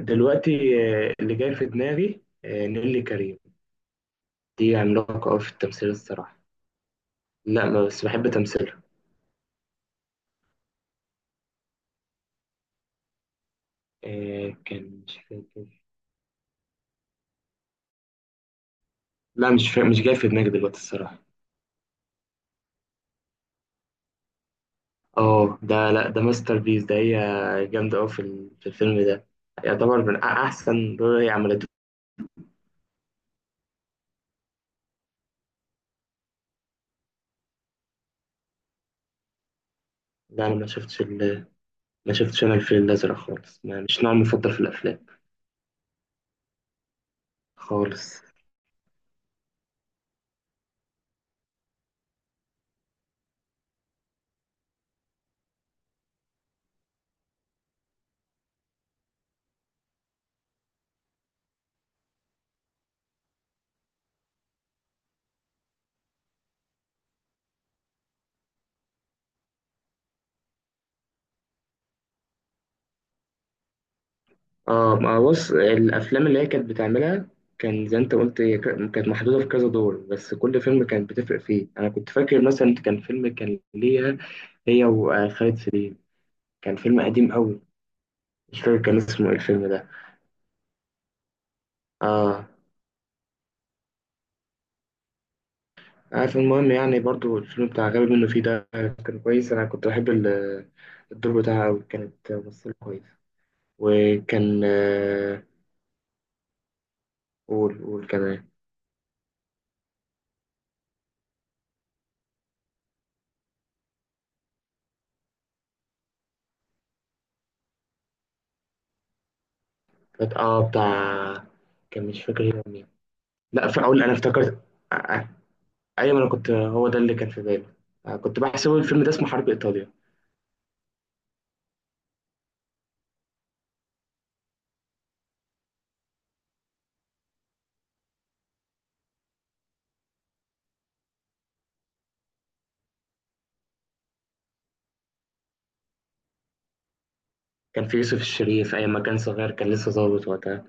دلوقتي. اللي جاي في دماغي، نيللي كريم. دي عملاقة أوي في التمثيل الصراحة. لا، بس بحب تمثيلها. كان مش فاكر. لا مش فاكر، مش جاي في دماغي دلوقتي الصراحة. اه ده، لا ده ماستر بيس ده. هي جامدة أوي في الفيلم ده. يعتبر من أحسن دور هي عملته. لا أنا ما شفتش أنا الفيل الأزرق خالص، ما مش نوع مفضل في الأفلام. خالص. اه ما بص الافلام اللي هي كانت بتعملها. كان زي انت قلت، هي كانت محدوده في كذا دور بس كل فيلم كانت بتفرق فيه. انا كنت فاكر مثلا كان فيلم كان ليها، هي وخالد سليم. كان فيلم قديم قوي. مش فاكر كان اسمه ايه الفيلم ده. اه عارف. المهم يعني برضو الفيلم بتاع غبي منه فيه ده كان كويس. انا كنت الدور بتاعها قوي، كانت ممثله كويسه. وكان قول قول كمان. كانت بتاع. كان مش فاكر هي مين. لا في، اقول انا افتكرت. ايوه انا كنت، هو ده اللي كان في بالي. كنت بحسب الفيلم ده اسمه حرب ايطاليا. كان في يوسف الشريف ايام ما كان صغير، كان لسه ظابط وقتها.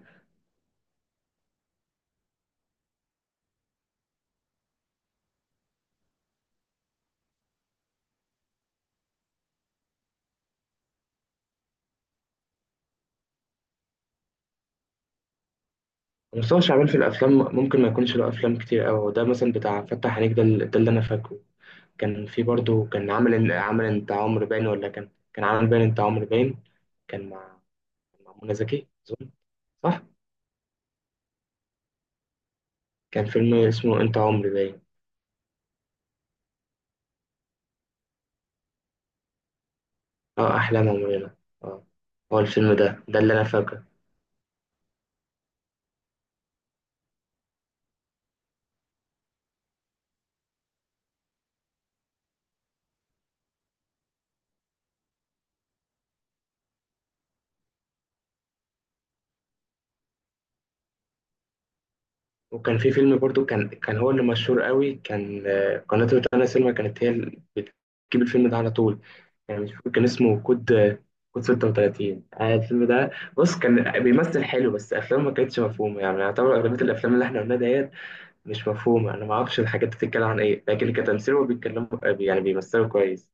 مصطفى شعبان في الافلام ممكن ما يكونش له افلام كتير قوي. ده مثلا بتاع فتح عينيك ده, ده اللي انا فاكره. كان في برضه، كان عامل عامل انت عمرو باين، ولا كان عامل باين انت عمرو باين. كان مع، مع منى زكي اظن. صح. كان فيلم اسمه انت عمري باين. اه احلام عمرنا. اه. هو الفيلم ده، ده اللي انا فاكره. وكان في فيلم برضو كان هو اللي مشهور قوي. كان قناة روتانا سينما كانت هي اللي بتجيب الفيلم ده على طول. يعني مش فاكر كان اسمه كود كود 36. الفيلم ده. بص، كان بيمثل حلو بس افلامه ما كانتش مفهومه. يعني يعتبر اغلبيه الافلام اللي احنا قلناها ديت مش مفهومه. انا ما اعرفش الحاجات دي بتتكلم عن ايه، لكن كتمثيل هو بيتكلموا، يعني بيمثلوا كويس.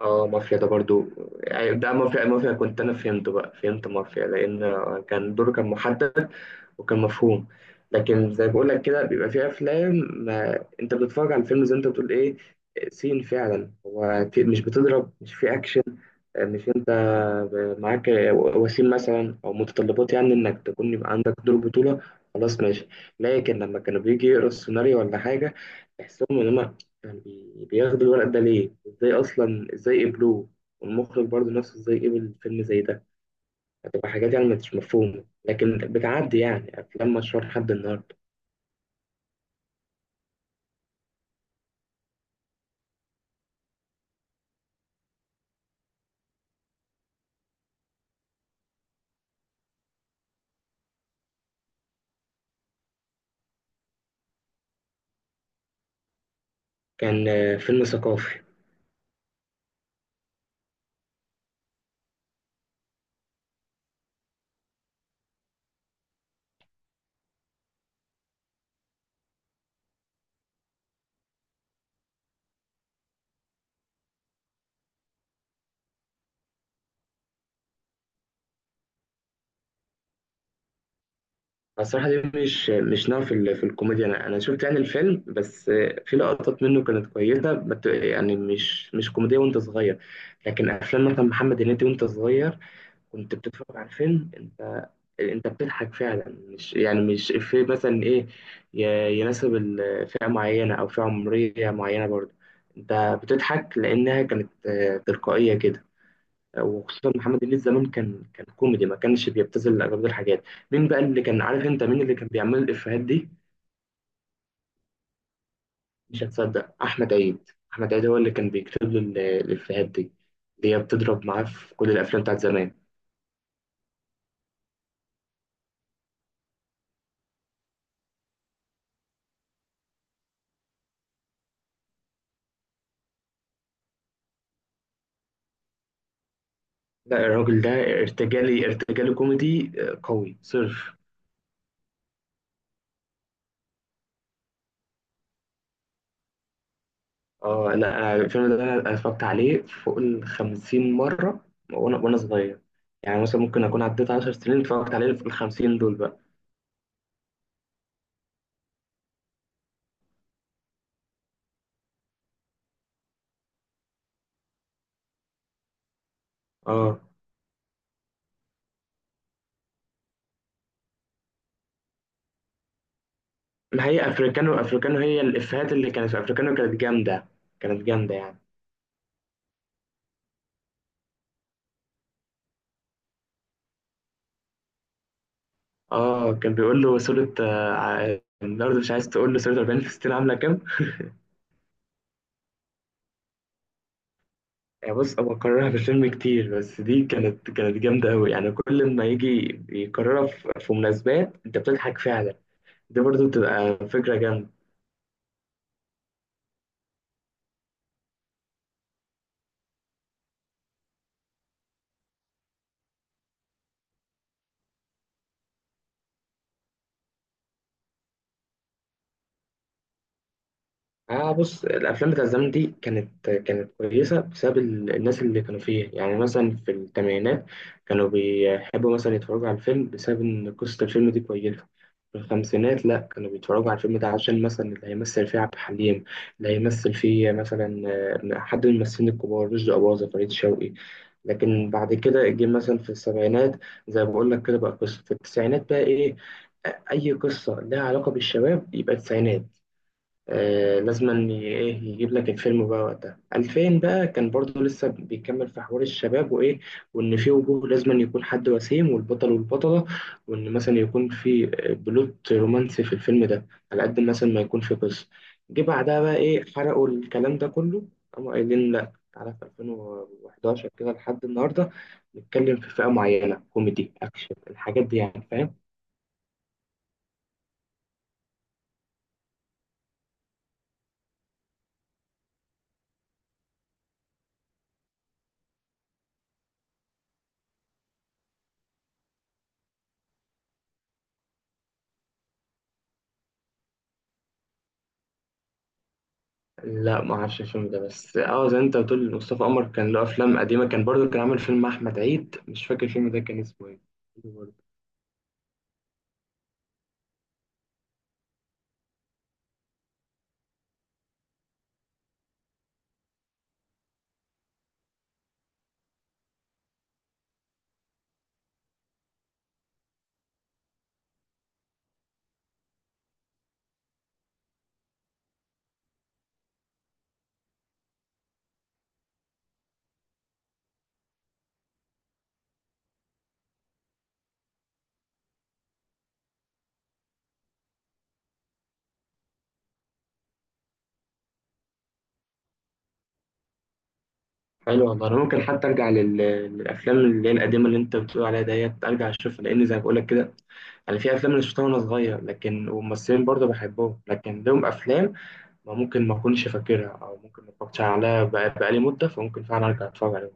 اه مافيا ده برضو. يعني ده مافيا، مافيا كنت انا فهمته بقى، فهمت مافيا لان كان دوره كان محدد وكان مفهوم. لكن زي بقول لك كده بيبقى في افلام، ما انت بتتفرج على الفيلم، زي انت بتقول ايه، سين. فعلا هو في مش بتضرب، مش في اكشن، مش انت معاك وسيم مثلا او متطلبات، يعني انك تكون يبقى عندك دور بطولة. خلاص ماشي. لكن لما كانوا بيجي يقروا السيناريو ولا حاجة، تحسهم ان هما كان بياخدوا الورق ده ليه، ازاي اصلا، ازاي قبلوه، والمخرج برضه نفسه ازاي قبل فيلم زي ده. هتبقى حاجات يعني مش مفهومة لكن بتعدي يعني. أفلام مشهور لحد النهاردة. كان فيلم ثقافي. الصراحة دي مش نوع في الكوميديا. أنا شفت يعني الفيلم بس، في لقطات منه كانت كويسة، يعني مش كوميدية وأنت صغير. لكن أفلام مثلا محمد هنيدي وأنت صغير، كنت بتتفرج على الفيلم أنت، أنت بتضحك فعلا، مش يعني مش إفيه مثلا إيه، يناسب فئة معينة أو فئة عمرية معينة برضه. أنت بتضحك لأنها كانت تلقائية كده. وخصوصا محمد الليث زمان كان كوميدي ما كانش بيبتذل اغلبيه الحاجات. مين بقى اللي كان عارف، انت مين اللي كان بيعمل الافيهات دي؟ مش هتصدق، احمد عيد. احمد عيد هو اللي كان بيكتب له الافيهات دي، اللي هي بتضرب معاه في كل الافلام بتاعت زمان. لا الراجل ده ارتجالي، ارتجالي كوميدي قوي صرف. اه لا أنا الفيلم ده انا اتفرجت عليه فوق ال 50 مره، وانا صغير. يعني مثلا ممكن اكون عديت 10 سنين اتفرجت عليه في ال 50 دول بقى. اه ما هي افريكانو، افريكانو هي الافيهات اللي كانت في افريكانو كانت جامده. كانت جامده يعني. اه كان بيقول له صورة، الأرض مش عايز تقول له صورة 40 فلسطين عاملة كام؟ يعني بص، هو كررها في الفيلم كتير بس دي كانت جامدة أوي. يعني كل ما يجي يكررها في مناسبات أنت بتضحك فعلا. دي برضو بتبقى فكرة جامدة. اه بص، الافلام بتاع الزمن دي كانت كويسه بسبب الناس اللي كانوا فيها. يعني مثلا في الثمانينات كانوا بيحبوا مثلا يتفرجوا على الفيلم بسبب ان قصه الفيلم دي كويسه. في الخمسينات لا، كانوا بيتفرجوا على الفيلم ده عشان مثلا اللي هيمثل فيه عبد الحليم، اللي هيمثل فيه مثلا حد من الممثلين الكبار، رشدي أباظة، فريد شوقي. لكن بعد كده جه مثلا في السبعينات، زي ما بقول لك كده، بقى قصه. في التسعينات بقى ايه؟ اي قصه لها علاقه بالشباب يبقى تسعينات. آه لازم أن ايه يجيب لك الفيلم بقى وقتها. 2000 بقى كان برضو لسه بيكمل في حوار الشباب وايه، وان في وجوه لازم أن يكون حد وسيم والبطل والبطلة، وان مثلا يكون في بلوت رومانسي في الفيلم ده، على قد مثلا ما يكون في قصة. جه بعدها بقى ايه؟ حرقوا الكلام ده كله. قاموا قايلين لا تعالى، في 2011 كده لحد النهارده نتكلم في فئة معينة، كوميدي اكشن الحاجات دي، يعني فاهم. لا ما اعرفش الفيلم ده بس اه زي انت بتقول مصطفى قمر كان له افلام قديمه، كان برضو كان عامل فيلم مع احمد عيد، مش فاكر الفيلم ده كان اسمه ايه. حلو برضو. حلو والله، انا ممكن حتى ارجع للافلام اللي هي القديمه اللي انت بتقول عليها ديت، ارجع اشوفها، لان زي ما بقول لك كده انا في افلام انا شفتها وانا صغير لكن وممثلين برضو بحبهم لكن لهم افلام ما ممكن ما اكونش فاكرها او ممكن ما اتفرجتش عليها بقالي مده، فممكن فعلا ارجع اتفرج عليهم.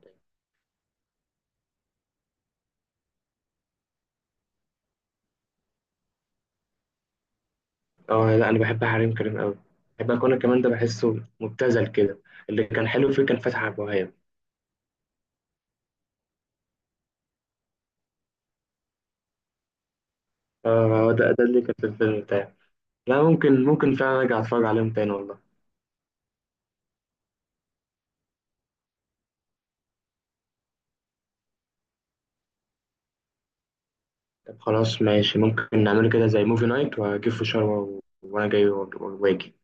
اه لا انا بحب حريم كريم قوي. بحب اكون كمان ده بحسه مبتذل كده. اللي كان حلو فيه كان فتحي عبد الوهاب. اه هو ده اللي كان في الفيلم بتاعي. لا ممكن فعلا ارجع اتفرج عليهم تاني والله. طب خلاص ماشي، ممكن نعمله كده زي موفي نايت، واجيب فشار وانا جاي واجي.